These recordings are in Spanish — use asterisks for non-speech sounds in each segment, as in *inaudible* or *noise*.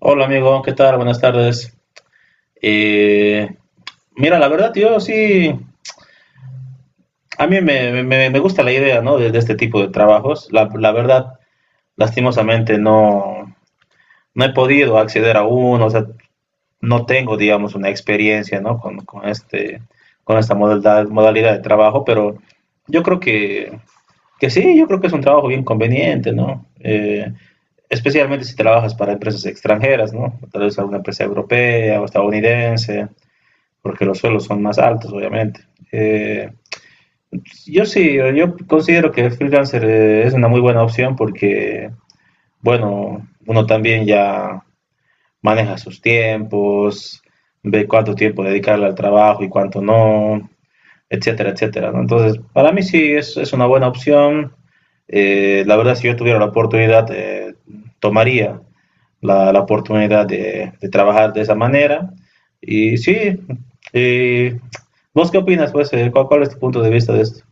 Hola amigo, ¿qué tal? Buenas tardes. Eh, Mira, la verdad yo sí, a mí me gusta la idea, ¿no? De este tipo de trabajos. La verdad, lastimosamente no he podido acceder a uno, o sea, no tengo, digamos, una experiencia, ¿no? Con este, con esta modalidad de trabajo, pero yo creo que sí, yo creo que es un trabajo bien conveniente, ¿no? Especialmente si trabajas para empresas extranjeras, ¿no? Tal vez alguna empresa europea o estadounidense, porque los sueldos son más altos, obviamente. Eh, yo considero que freelancer es una muy buena opción porque, bueno, uno también ya maneja sus tiempos, ve cuánto tiempo dedicarle al trabajo y cuánto no, etcétera, etcétera, ¿no? Entonces, para mí sí es una buena opción. La verdad, si yo tuviera la oportunidad, tomaría la oportunidad de trabajar de esa manera. Y sí, eh, ¿vos qué opinas? Pues, ¿cuál es tu punto de vista de esto?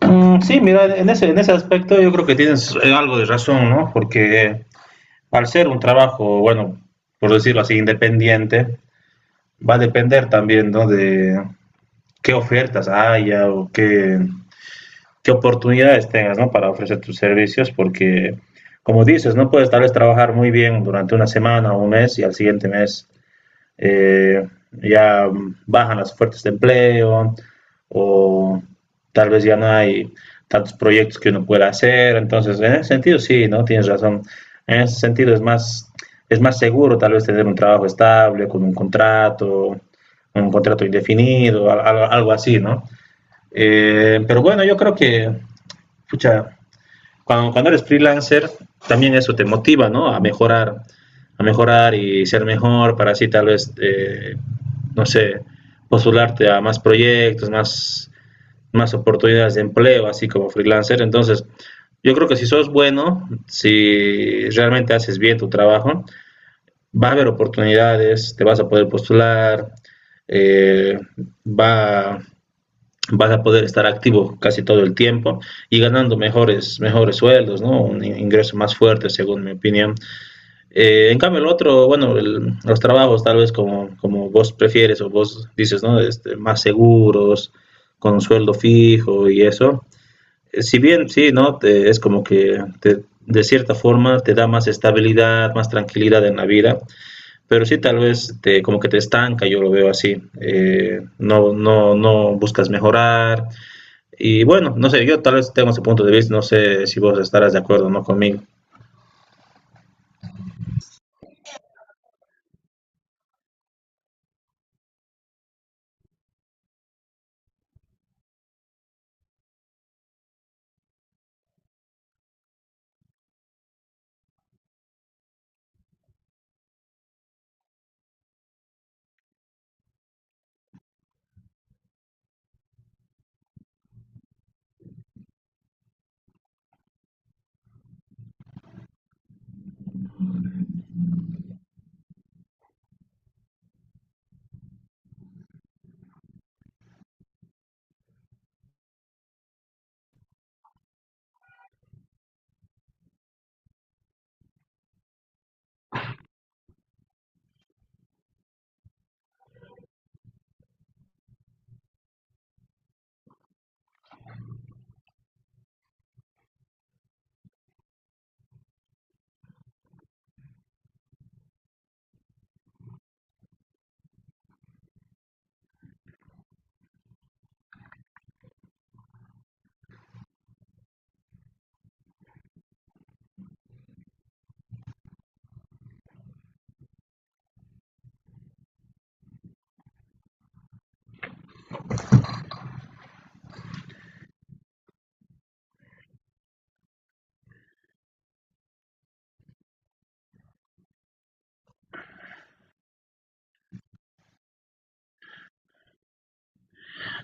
Mm, sí, mira, en en ese aspecto yo creo que tienes algo de razón, ¿no? Porque al ser un trabajo, bueno, por decirlo así, independiente, va a depender también, ¿no? De qué ofertas haya o qué oportunidades tengas, ¿no? Para ofrecer tus servicios, porque, como dices, no puedes tal vez trabajar muy bien durante una semana o un mes y al siguiente mes ya bajan las ofertas de empleo o tal vez ya no hay tantos proyectos que uno pueda hacer. Entonces, en ese sentido, sí, ¿no? Tienes razón. En ese sentido es más seguro tal vez tener un trabajo estable, con un contrato indefinido, algo, algo así, ¿no? Pero bueno, yo creo que pucha, cuando eres freelancer, también eso te motiva, ¿no? A mejorar y ser mejor para así tal vez, no sé, postularte a más proyectos, más oportunidades de empleo, así como freelancer. Entonces, yo creo que si sos bueno, si realmente haces bien tu trabajo, va a haber oportunidades, te vas a poder postular, eh, va, vas a poder estar activo casi todo el tiempo y ganando mejores, mejores sueldos, ¿no? Un ingreso más fuerte, según mi opinión. En cambio, el otro, bueno, los trabajos tal vez como, como vos prefieres o vos dices, ¿no? Este, más seguros, con un sueldo fijo y eso. Si bien, sí, ¿no? Es como que te, de cierta forma te da más estabilidad, más tranquilidad en la vida, pero sí tal vez como que te estanca, yo lo veo así. No buscas mejorar y bueno, no sé, yo tal vez tengo ese punto de vista, no sé si vos estarás de acuerdo o no conmigo.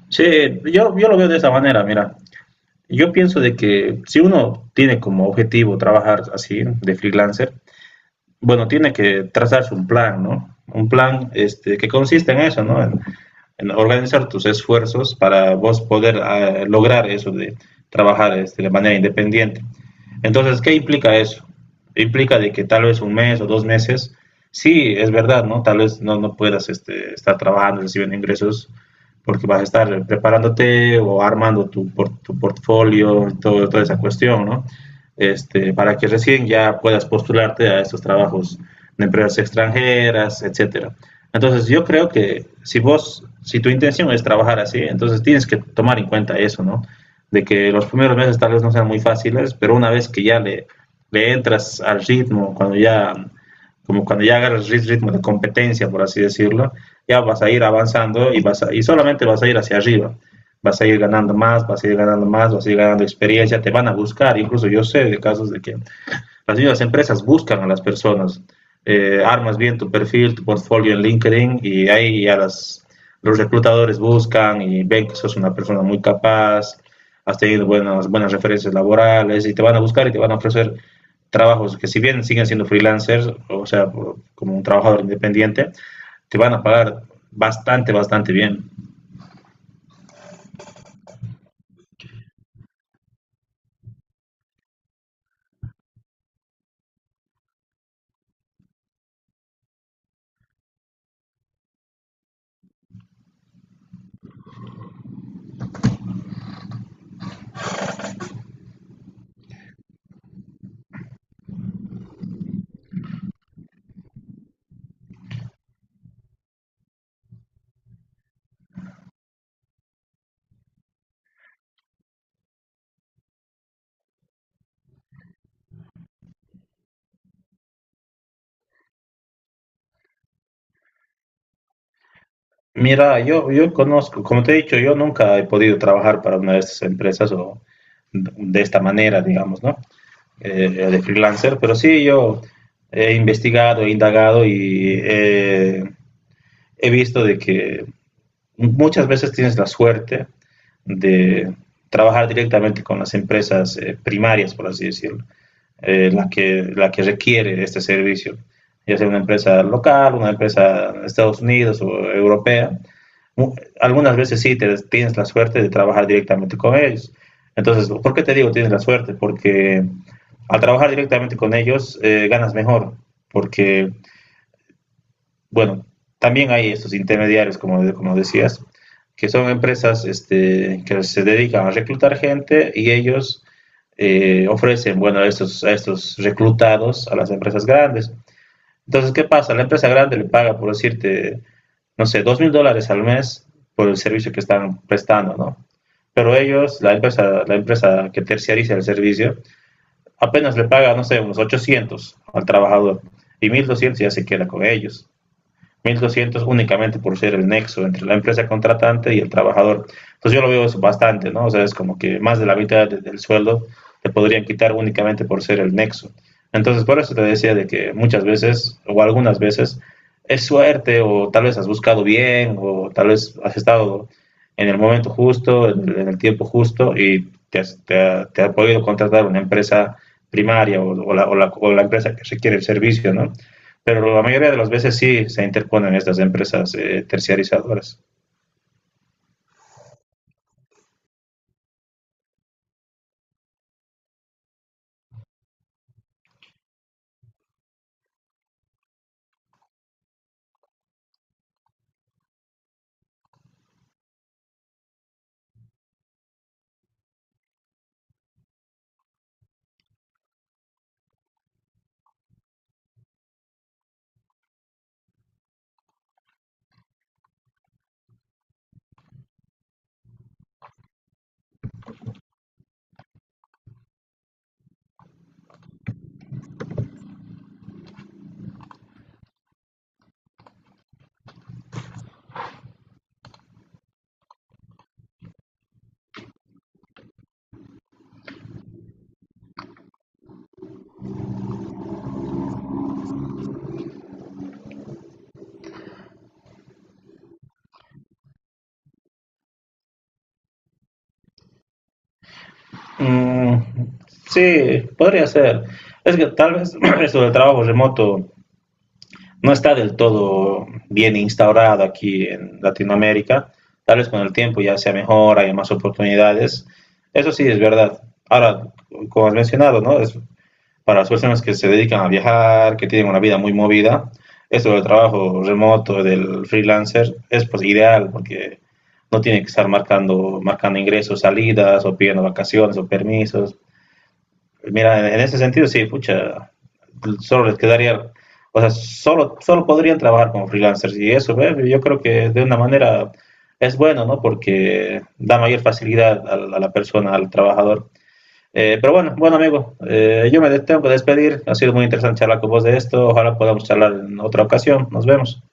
Sí, yo lo veo de esa manera, mira. Yo pienso de que si uno tiene como objetivo trabajar así, de freelancer, bueno, tiene que trazarse un plan, ¿no? Un plan este, que consiste en eso, ¿no? En organizar tus esfuerzos para vos poder lograr eso de trabajar este, de manera independiente. Entonces, ¿qué implica eso? Implica de que tal vez un mes o dos meses, sí, es verdad, ¿no? Tal vez no puedas este, estar trabajando, recibiendo ingresos, porque vas a estar preparándote o armando tu portfolio, todo, toda esa cuestión, ¿no? Este, para que recién ya puedas postularte a estos trabajos de empresas extranjeras, etcétera. Entonces yo creo que si vos, si tu intención es trabajar así, entonces tienes que tomar en cuenta eso, ¿no? De que los primeros meses tal vez no sean muy fáciles, pero una vez que le entras al ritmo, como cuando ya agarras el ritmo de competencia, por así decirlo, ya vas a ir avanzando y solamente vas a ir hacia arriba, vas a ir ganando más, vas a ir ganando más, vas a ir ganando experiencia, te van a buscar. Incluso yo sé de casos de que las mismas empresas buscan a las personas. Armas bien tu perfil, tu portfolio en LinkedIn y ahí ya los reclutadores buscan y ven que sos una persona muy capaz, has tenido buenas, buenas referencias laborales y te van a buscar y te van a ofrecer trabajos que si bien siguen siendo freelancers, o sea, como un trabajador independiente, te van a pagar bastante, bastante bien. Mira, yo conozco, como te he dicho, yo nunca he podido trabajar para una de estas empresas o de esta manera, digamos, ¿no? De freelancer, pero sí yo he investigado, he indagado y he visto de que muchas veces tienes la suerte de trabajar directamente con las empresas primarias, por así decirlo, la que requiere este servicio, ya sea una empresa local, una empresa de Estados Unidos o europea. Algunas veces sí tienes la suerte de trabajar directamente con ellos. Entonces, ¿por qué te digo tienes la suerte? Porque al trabajar directamente con ellos ganas mejor, porque bueno, también hay estos intermediarios, como, como decías, que son empresas este, que se dedican a reclutar gente y ellos ofrecen, bueno, a estos reclutados a las empresas grandes. Entonces, ¿qué pasa? La empresa grande le paga, por decirte, no sé, $2000 al mes por el servicio que están prestando, ¿no? Pero ellos, la empresa que terciariza el servicio, apenas le paga, no sé, unos 800 al trabajador y 1.200 ya se queda con ellos. 1.200 únicamente por ser el nexo entre la empresa contratante y el trabajador. Entonces yo lo veo eso bastante, ¿no? O sea, es como que más de la mitad del sueldo te podrían quitar únicamente por ser el nexo. Entonces por eso te decía de que muchas veces o algunas veces es suerte o tal vez has buscado bien o tal vez has estado en el momento justo, en el tiempo justo y te, has, te, ha, podido contratar una empresa primaria o la empresa que requiere el servicio, ¿no? Pero la mayoría de las veces sí se interponen estas empresas terciarizadoras. Mm, sí, podría ser. Es que tal vez *clears throat* *coughs* eso del trabajo remoto no está del todo bien instaurado aquí en Latinoamérica. Tal vez con el tiempo ya sea mejor, haya más oportunidades. Eso sí es verdad. Ahora, como has mencionado, ¿no? Es, para las personas que se dedican a viajar, que tienen una vida muy movida, esto del trabajo remoto, del freelancer, es pues ideal porque no tiene que estar marcando, marcando ingresos, salidas, o pidiendo vacaciones o permisos. Mira, en ese sentido sí, pucha, solo les quedaría, o sea, solo podrían trabajar como freelancers y eso, ¿ve? Yo creo que de una manera es bueno, ¿no? Porque da mayor facilidad a la persona, al trabajador. Pero bueno, bueno amigo, yo me tengo que despedir. Ha sido muy interesante charlar con vos de esto. Ojalá podamos charlar en otra ocasión. Nos vemos.